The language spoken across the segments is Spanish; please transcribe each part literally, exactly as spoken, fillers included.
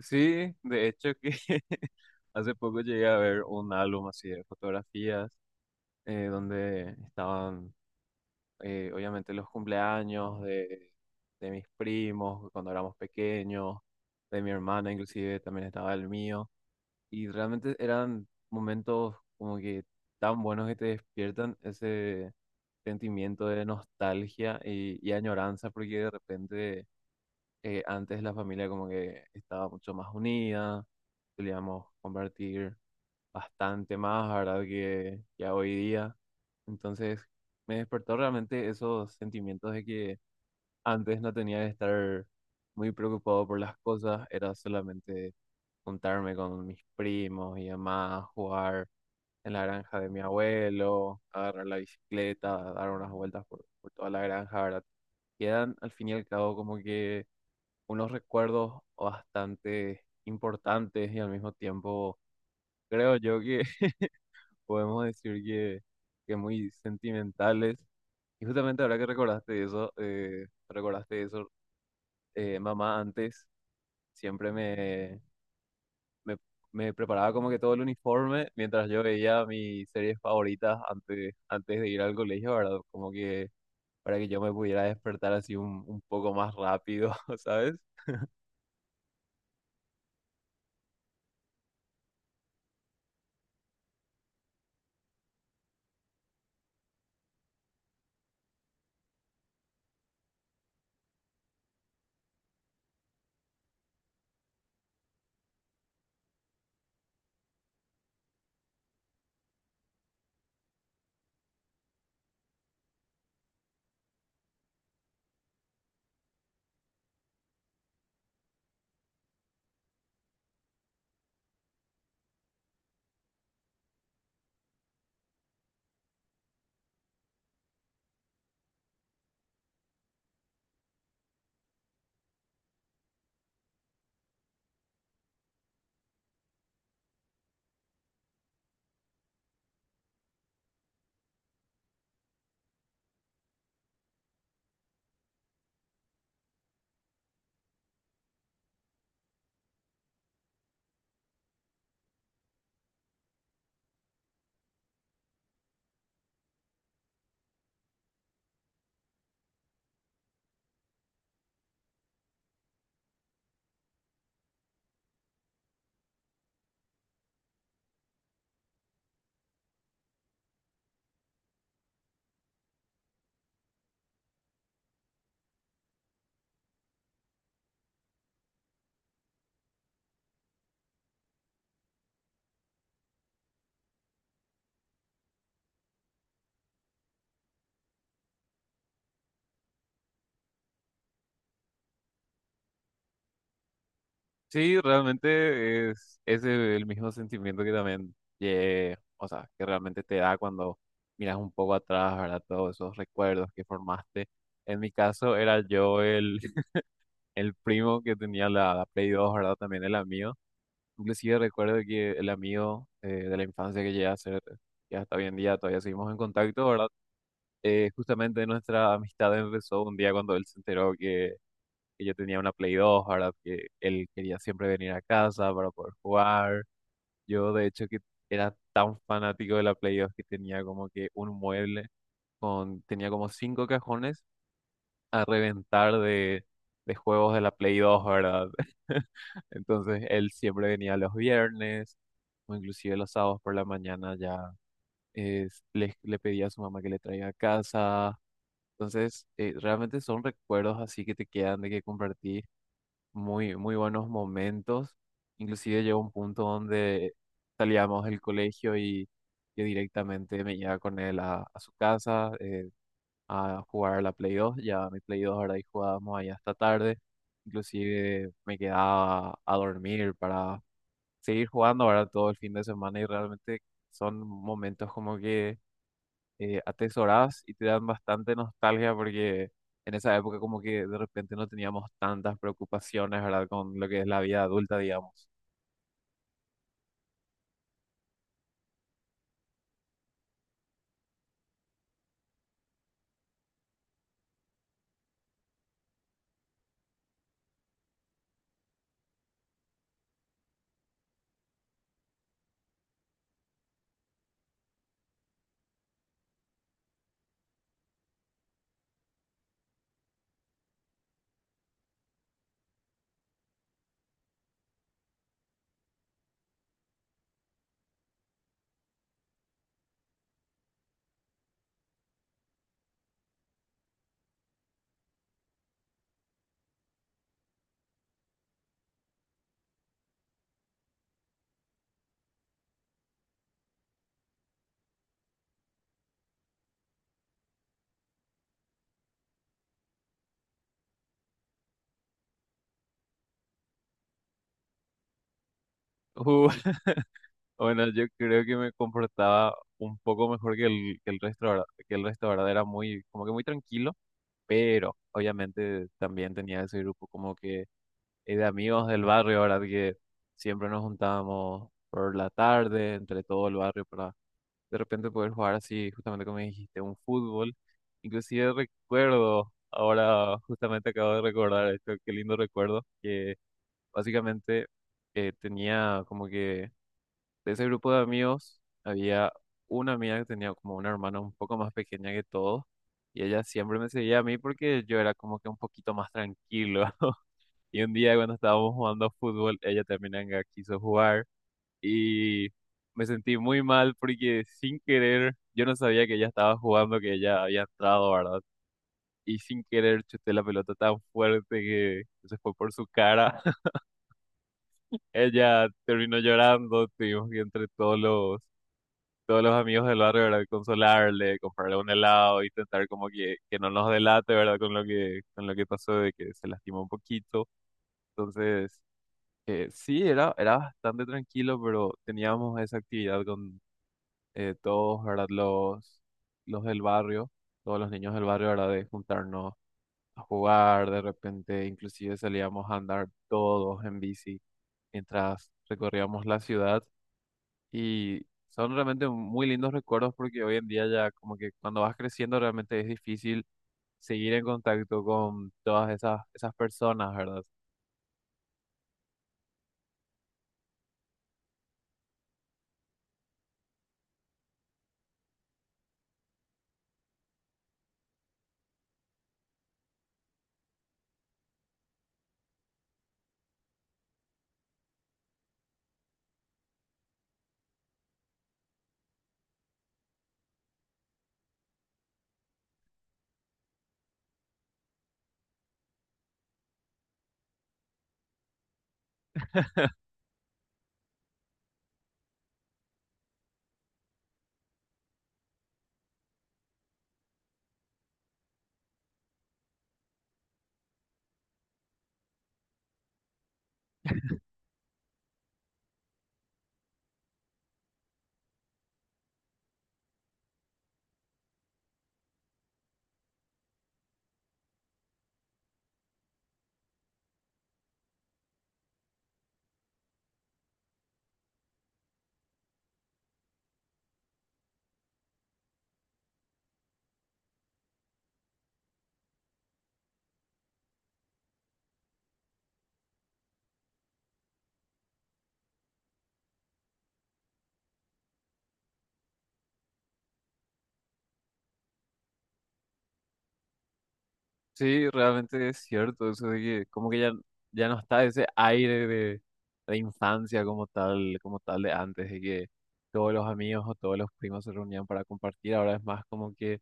Sí, de hecho que hace poco llegué a ver un álbum así de fotografías, eh, donde estaban, eh, obviamente, los cumpleaños de, de mis primos cuando éramos pequeños, de mi hermana, inclusive también estaba el mío. Y realmente eran momentos como que tan buenos que te despiertan ese sentimiento de nostalgia y, y añoranza, porque de repente, eh, antes la familia como que estaba mucho más unida, solíamos compartir bastante más, ¿verdad? Que ya hoy día. Entonces me despertó realmente esos sentimientos de que antes no tenía que estar muy preocupado por las cosas, era solamente juntarme con mis primos y demás, jugar en la granja de mi abuelo, agarrar la bicicleta, dar unas vueltas por, por toda la granja, ¿verdad? Y eran, al fin y al cabo, como que unos recuerdos bastante importantes, y al mismo tiempo creo yo que, podemos decir que, que muy sentimentales. Y justamente ahora que recordaste eso, eh, recordaste eso, eh, mamá antes siempre me, me, me preparaba como que todo el uniforme mientras yo veía mis series favoritas antes, antes de ir al colegio, ¿verdad? Como que para que yo me pudiera despertar así un, un poco más rápido, ¿sabes? Sí, realmente es, es el mismo sentimiento que también llegué, o sea, que realmente te da cuando miras un poco atrás, ¿verdad? Todos esos recuerdos que formaste. En mi caso era yo el, el primo que tenía la, la Play dos, ¿verdad? También el amigo. Inclusive recuerdo que el amigo, eh, de la infancia, que llega a ser, que hasta hoy en día todavía seguimos en contacto, ¿verdad? Eh, justamente nuestra amistad empezó un día cuando él se enteró que yo tenía una Play dos, ¿verdad? Que él quería siempre venir a casa para poder jugar. Yo, de hecho, que era tan fanático de la Play dos que tenía como que un mueble con, tenía como cinco cajones a reventar de, de juegos de la Play dos, ¿verdad? Entonces, él siempre venía los viernes o inclusive los sábados por la mañana ya es- le, le pedía a su mamá que le traiga a casa. Entonces, eh, realmente son recuerdos así que te quedan, de que compartís muy, muy buenos momentos. Inclusive llegó un punto donde salíamos del colegio y yo directamente me iba con él a, a su casa, eh, a jugar a la Play dos, ya mi Play dos ahora, y jugábamos ahí hasta tarde. Inclusive me quedaba a dormir para seguir jugando ahora todo el fin de semana, y realmente son momentos como que, eh, atesorás y te dan bastante nostalgia, porque en esa época como que de repente no teníamos tantas preocupaciones, ¿verdad? Con lo que es la vida adulta, digamos. Uh, bueno, yo creo que me comportaba un poco mejor que el, que el resto, ¿verdad? Que el resto, ¿verdad? Era muy, como que muy tranquilo, pero obviamente también tenía ese grupo como que, eh, de amigos del barrio, ¿verdad? Que siempre nos juntábamos por la tarde entre todo el barrio para de repente poder jugar así, justamente como dijiste, un fútbol. Inclusive recuerdo, ahora justamente acabo de recordar esto, qué lindo recuerdo, que básicamente, eh, tenía como que, de ese grupo de amigos, había una amiga que tenía como una hermana un poco más pequeña que todos, y ella siempre me seguía a mí porque yo era como que un poquito más tranquilo. Y un día cuando estábamos jugando fútbol, ella también anga quiso jugar, y me sentí muy mal porque sin querer, yo no sabía que ella estaba jugando, que ella había entrado, ¿verdad? Y sin querer chuté la pelota tan fuerte que se fue por su cara. Ella terminó llorando, tuvimos que, entre todos los, todos los amigos del barrio, ¿verdad? Consolarle, comprarle un helado, intentar como que, que no nos delate, ¿verdad? Con lo que, con lo que pasó, de que se lastimó un poquito. Entonces, eh, sí, era, era bastante tranquilo, pero teníamos esa actividad con, eh, todos, ¿verdad? Los, los del barrio, todos los niños del barrio, ¿verdad? De juntarnos a jugar, de repente inclusive salíamos a andar todos en bici mientras recorríamos la ciudad, y son realmente muy lindos recuerdos, porque hoy en día ya, como que cuando vas creciendo, realmente es difícil seguir en contacto con todas esas, esas personas, ¿verdad? Sí, realmente es cierto, eso de que como que ya, ya no está ese aire de, de infancia como tal, como tal de antes, de que todos los amigos o todos los primos se reunían para compartir. Ahora es más como que,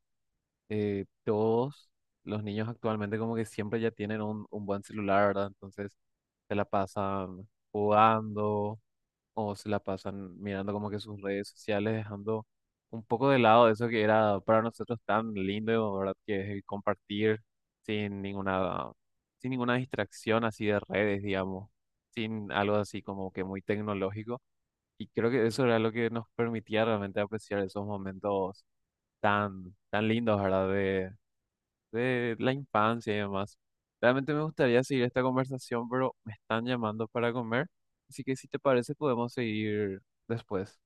eh, todos los niños actualmente, como que siempre ya tienen un, un buen celular, ¿verdad? Entonces se la pasan jugando, o se la pasan mirando como que sus redes sociales, dejando un poco de lado eso que era para nosotros tan lindo, ¿verdad? Que es el compartir sin ninguna, sin ninguna distracción así de redes, digamos, sin algo así como que muy tecnológico. Y creo que eso era lo que nos permitía realmente apreciar esos momentos tan, tan lindos, ¿verdad? De la infancia y demás. Realmente me gustaría seguir esta conversación, pero me están llamando para comer, así que si te parece podemos seguir después.